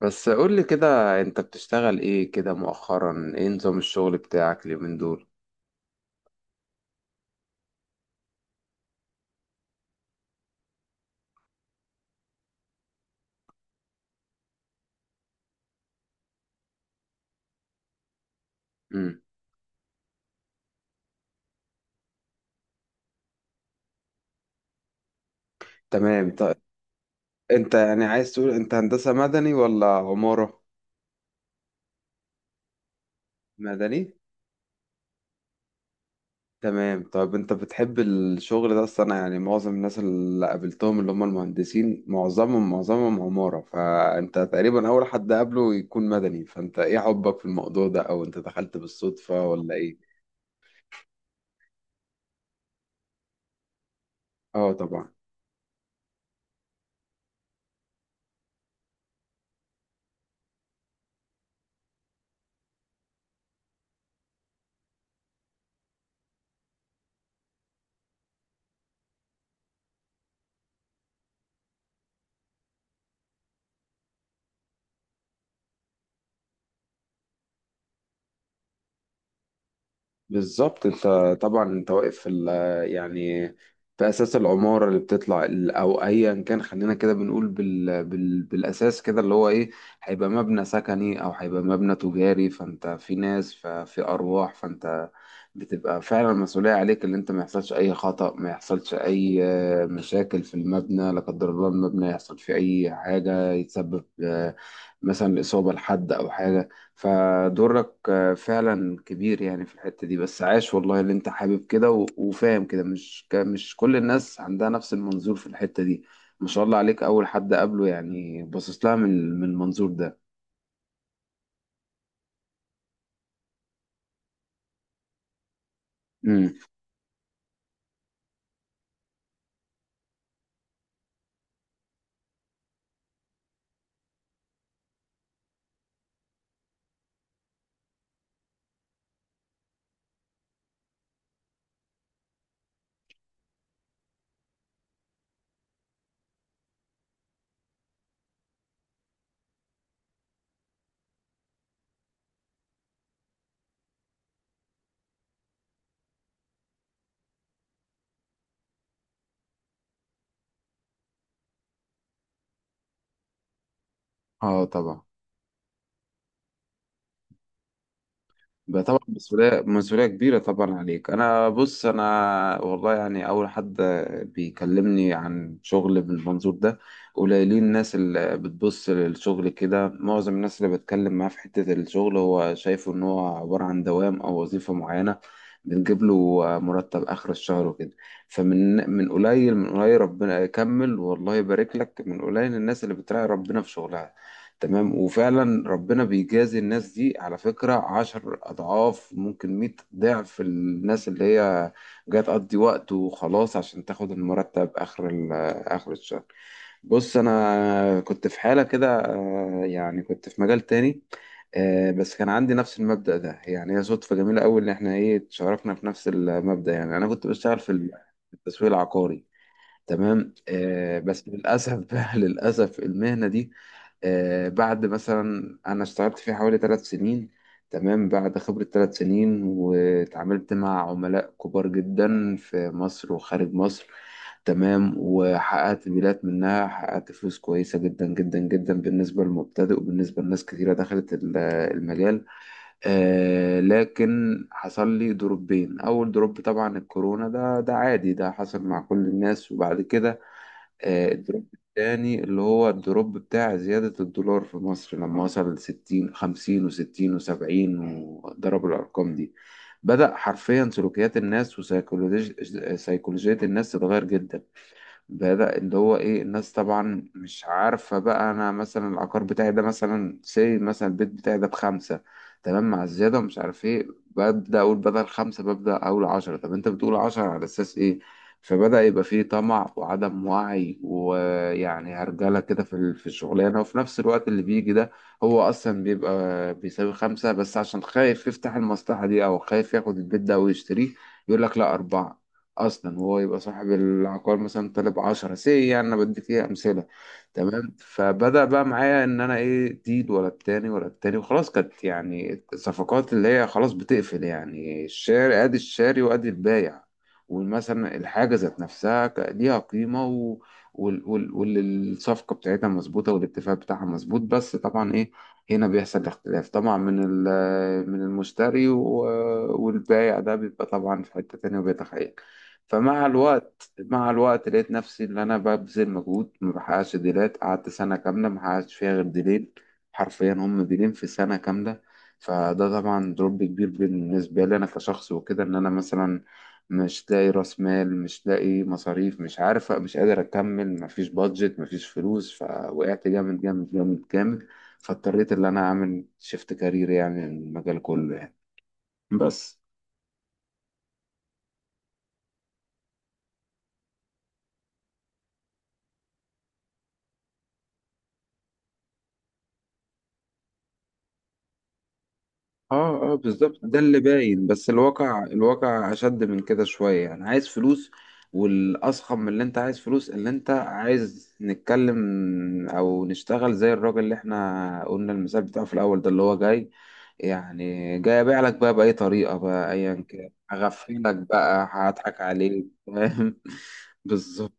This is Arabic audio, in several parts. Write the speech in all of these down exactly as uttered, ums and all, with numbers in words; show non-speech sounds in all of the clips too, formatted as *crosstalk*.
بس قول لي كده انت بتشتغل ايه كده مؤخرا؟ ايه نظام الشغل بتاعك اليومين دول؟ امم. تمام طيب، انت يعني عايز تقول انت هندسة مدني ولا عمارة؟ مدني، تمام. طيب انت بتحب الشغل ده اصلا؟ يعني معظم الناس اللي قابلتهم اللي هم المهندسين معظمهم معظمهم عمارة، فانت تقريبا اول حد قابله يكون مدني، فانت ايه حبك في الموضوع ده؟ او انت دخلت بالصدفة ولا ايه؟ اه طبعا. بالظبط. انت طبعا انت واقف في ال- يعني في اساس العماره اللي بتطلع ال- او ايا كان، خلينا كده بنقول بال بال بالاساس كده اللي هو ايه؟ هيبقى مبنى سكني او هيبقى مبنى تجاري، فانت في ناس، ففي ارواح، فانت بتبقى فعلا المسؤولية عليك، اللي انت ما يحصلش اي خطأ، ما يحصلش اي آه، مشاكل في المبنى، لا قدر الله المبنى يحصل فيه اي حاجة، يتسبب آه، مثلا بإصابة لحد او حاجة. فدورك آه، فعلا كبير يعني في الحتة دي. بس عاش والله، اللي انت حابب كده و- وفاهم كده، مش ك- مش كل الناس عندها نفس المنظور في الحتة دي. ما شاء الله عليك، اول حد قابله يعني باصص لها من من المنظور ده. امم. اه طبعا. ده طبعا مسؤولية مسؤولية كبيرة طبعا عليك. أنا بص، أنا والله يعني أول حد بيكلمني عن شغل بالمنظور ده. قليلين الناس اللي بتبص للشغل كده، معظم الناس اللي بتكلم معاه في حتة الشغل هو شايفه إن هو عبارة عن دوام أو وظيفة معينة بتجيب له مرتب آخر الشهر وكده. فمن من قليل من قليل، ربنا يكمل والله يبارك لك، من قليل الناس اللي بتراعي ربنا في شغلها. تمام. وفعلا ربنا بيجازي الناس دي على فكرة عشر أضعاف، ممكن مية ضعف، الناس اللي هي جاية تقضي وقت وخلاص عشان تاخد المرتب آخر ال- آخر الشهر. بص أنا كنت في حالة كده آه، يعني كنت في مجال تاني. آه، بس كان عندي نفس المبدأ ده، يعني هي صدفة جميلة أوي إن إحنا إيه، تشاركنا في نفس المبدأ. يعني أنا كنت بشتغل في ال- في التسويق العقاري. تمام. آه، بس للأسف *laughs* بقى، للأسف المهنة دي آه، بعد مثلا أنا اشتغلت فيه حوالي ثلاث سنين، تمام، بعد خبرة ثلاث سنين واتعاملت مع عملاء كبار جدا في مصر وخارج مصر، تمام، وحققت ميلات منها، حققت فلوس كويسة جدا جدا جدا بالنسبة للمبتدئ وبالنسبة لناس كثيرة دخلت ال- المجال. آه لكن حصل لي دروبين. أول دروب طبعا الكورونا، ده ده عادي، ده حصل مع كل الناس. وبعد كده آه، الدروب التاني اللي هو الدروب بتاع زيادة الدولار في مصر، لما وصل ستين، خمسين وستين وسبعين، وضرب الأرقام دي، بدأ حرفيا سلوكيات الناس وسيكولوجية الناس تتغير جدا. بدأ اللي هو ايه، الناس طبعا مش عارفة بقى، انا مثلا العقار بتاعي ده مثلا، سي مثلا، البيت بتاعي ده بخمسة، تمام، مع الزيادة ومش عارف ايه، ببدأ اقول بدل خمسة ببدأ اقول عشرة. طب انت بتقول عشرة على اساس ايه؟ فبدأ يبقى فيه طمع وعدم وعي ويعني هرجلة كده في ال- في الشغلانة. وفي نفس الوقت اللي بيجي ده هو أصلا بيبقى بيساوي خمسة، بس عشان خايف يفتح المصلحة دي، أو خايف ياخد البيت ده ويشتريه، يقول لك لا أربعة، اصلا وهو يبقى صاحب العقار مثلا طالب عشرة، سي إيه يعني، انا بديك ايه امثله. تمام، فبدا بقى معايا ان انا ايه ديل ولا التاني ولا التاني، وخلاص كانت يعني صفقات اللي هي خلاص بتقفل، يعني الشاري ادي الشاري وادي البايع. ومثلا الحاجه ذات نفسها ك- ليها قيمه و... وال... وال... والصفقه بتاعتها مظبوطه والاتفاق بتاعها مظبوط. بس طبعا ايه، هنا بيحصل اختلاف طبعا من ال... من المشتري و... والبايع، ده بيبقى طبعا في حته تانيه وبيتخيل. فمع الوقت مع الوقت لقيت نفسي ان انا ببذل مجهود ما بحققش ديلات، قعدت سنه كامله ما حققتش فيها غير ديلين، حرفيا هم ديلين في سنه كامله. فده طبعا دروب كبير بالنسبه لي انا كشخص وكده، ان انا مثلا مش لاقي راس مال، مش لاقي مصاريف، مش عارف، مش قادر اكمل، مفيش بادجت، مفيش فلوس، فوقعت جامد جامد جامد جامد. فاضطريت ان انا اعمل شيفت كارير يعني، المجال كله يعني. بس اه اه بالظبط، ده اللي باين، بس الواقع الواقع اشد من كده شوية. يعني عايز فلوس، والاضخم من اللي انت عايز فلوس، اللي انت عايز نتكلم او نشتغل زي الراجل اللي احنا قلنا المثال بتاعه في الاول ده، اللي هو جاي، يعني جاي ابيع لك بقى باي طريقة بقى، ايا كان هغفلك بقى، هضحك عليك، فاهم؟ *laughs* بالظبط.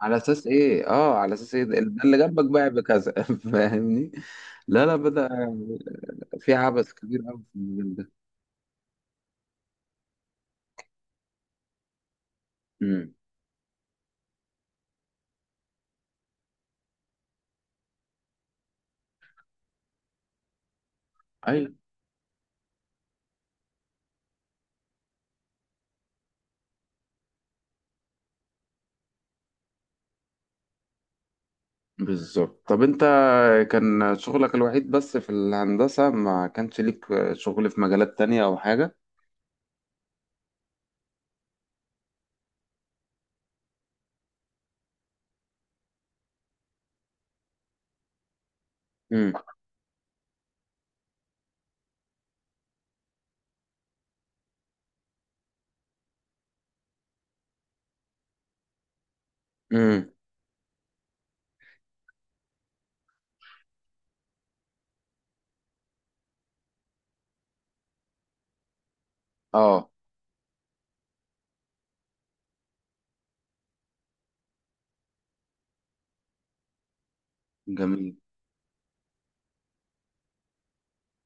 على اساس ايه؟ اه على اساس ايه؟ ده ده اللي جنبك باع بكذا؟ *laughs* فاهمني. لا لا، بدأ في عبث كبير قوي في المجال ده. امم. ايوه بالظبط. طب انت كان شغلك الوحيد بس في الهندسة؟ ما كانش ليك شغل في مجالات تانية او حاجة؟ امم. امم. اه. جميل.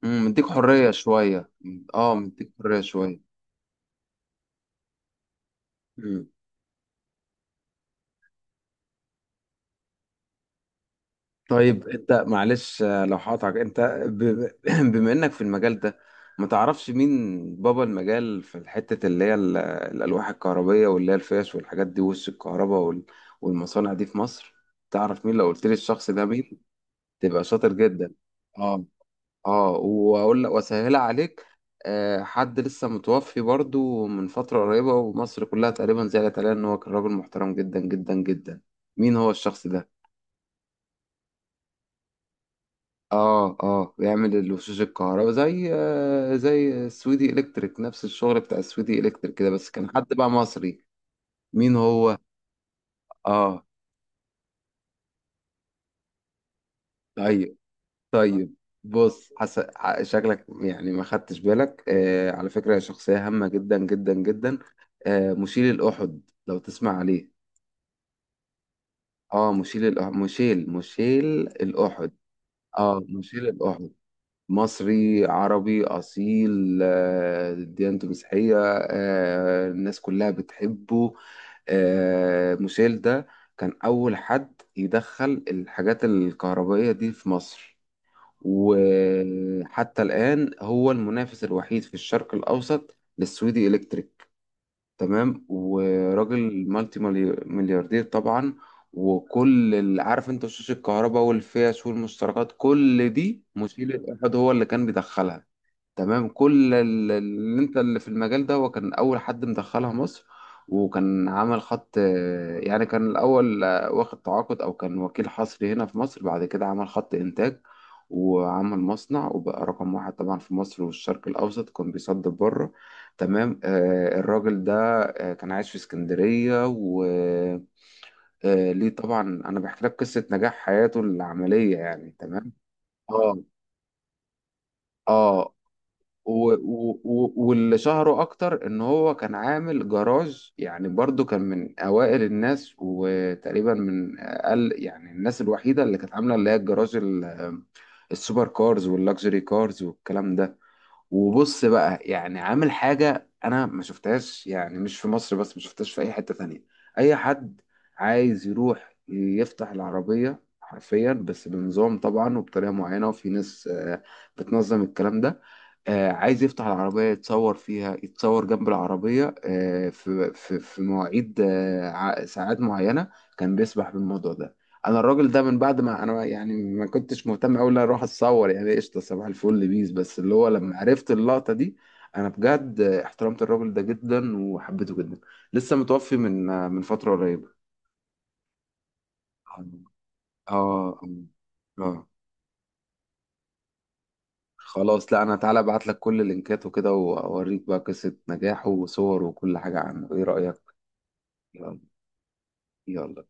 امم، مديك حرية شوية. مم. اه مديك حرية شوية. امم. طيب انت معلش آه، لو هقطعك، انت ب- ب- *clears throat* بما انك في المجال ده، ما تعرفش مين بابا المجال في الحتة اللي هي ال- الألواح الكهربية، واللي هي الفيش والحاجات دي، وش الكهرباء وال- والمصانع دي في مصر؟ تعرف مين؟ لو قلت لي الشخص ده مين، تبقى شاطر جدا. اه اه، واقول لك واسهلها عليك. آه حد لسه متوفي برضو من فترة قريبة، ومصر كلها تقريبا زعلت عليه، ان هو كان راجل محترم جدا جدا جدا. مين هو الشخص ده؟ اه اه، بيعمل الوشوش الكهرباء زي آه زي السويدي الكتريك، نفس الشغل بتاع السويدي الكتريك كده، بس كان حد بقى مصري. مين هو؟ اه ايوه. طيب، بص حس... ع- شكلك يعني ما خدتش بالك. آه، على فكرة هي شخصية هامة جدا جدا جدا. آه مشيل الأحد، لو تسمع عليه. اه مشيل الأح... مشيل مشيل الأحد. اه مشيل الأحد، مصري عربي أصيل، آه ديانته مسيحية، آه الناس كلها بتحبه. آه مشيل ده كان أول حد يدخل الحاجات الكهربائية دي في مصر، وحتى الآن هو المنافس الوحيد في الشرق الأوسط للسويدي إلكتريك. تمام. وراجل مالتي ملي- ملياردير طبعا. وكل اللي عارف، انت شاشة الكهرباء والفيش والمشتركات، كل دي مشيل الأحد هو اللي كان بيدخلها. تمام، كل ال- اللي انت اللي في المجال ده هو كان اول حد مدخلها مصر. وكان عمل خط آه، يعني كان الاول آه، واخد تعاقد او كان وكيل حصري هنا في مصر، بعد كده عمل خط انتاج وعمل مصنع، وبقى رقم واحد طبعا في مصر والشرق الاوسط، كان بيصدر بره. تمام. آه، الراجل ده آه، كان عايش في اسكندرية، وليه طبعا انا بحكي لك قصة نجاح حياته العملية يعني. تمام. اه اه. و- و- و- واللي شهره اكتر ان هو كان عامل جراج، يعني برضو كان من اوائل الناس، وتقريبا من اقل يعني الناس الوحيده اللي كانت عامله اللي هي الجراج ال- السوبر كارز واللاكجري كارز والكلام ده. وبص بقى، يعني عامل حاجة أنا ما شفتهاش، يعني مش في مصر بس، ما شفتهاش في أي حتة تانية. أي حد عايز يروح يفتح العربية حرفيا، بس بنظام طبعا وبطريقة معينة، وفي ناس آه، بتنظم الكلام ده. آه، عايز يفتح العربية، يتصور فيها، يتصور جنب العربية، آه، في في في مواعيد، آه، ع- ساعات معينة. كان بيسبح بالموضوع ده. انا الراجل ده من بعد ما انا يعني ما كنتش مهتم قوي ان انا اروح اتصور، يعني قشطه صباح الفل بيس، بس اللي هو لما عرفت اللقطه دي، انا بجد احترمت الراجل ده جدا وحبيته جدا. لسه متوفي من من فتره قريبه. اه اه. آه. خلاص لا، انا تعالى ابعت لك كل اللينكات وكده، واوريك بقى قصه نجاحه وصور وكل حاجه عنه، ايه رايك؟ يلا. يلا.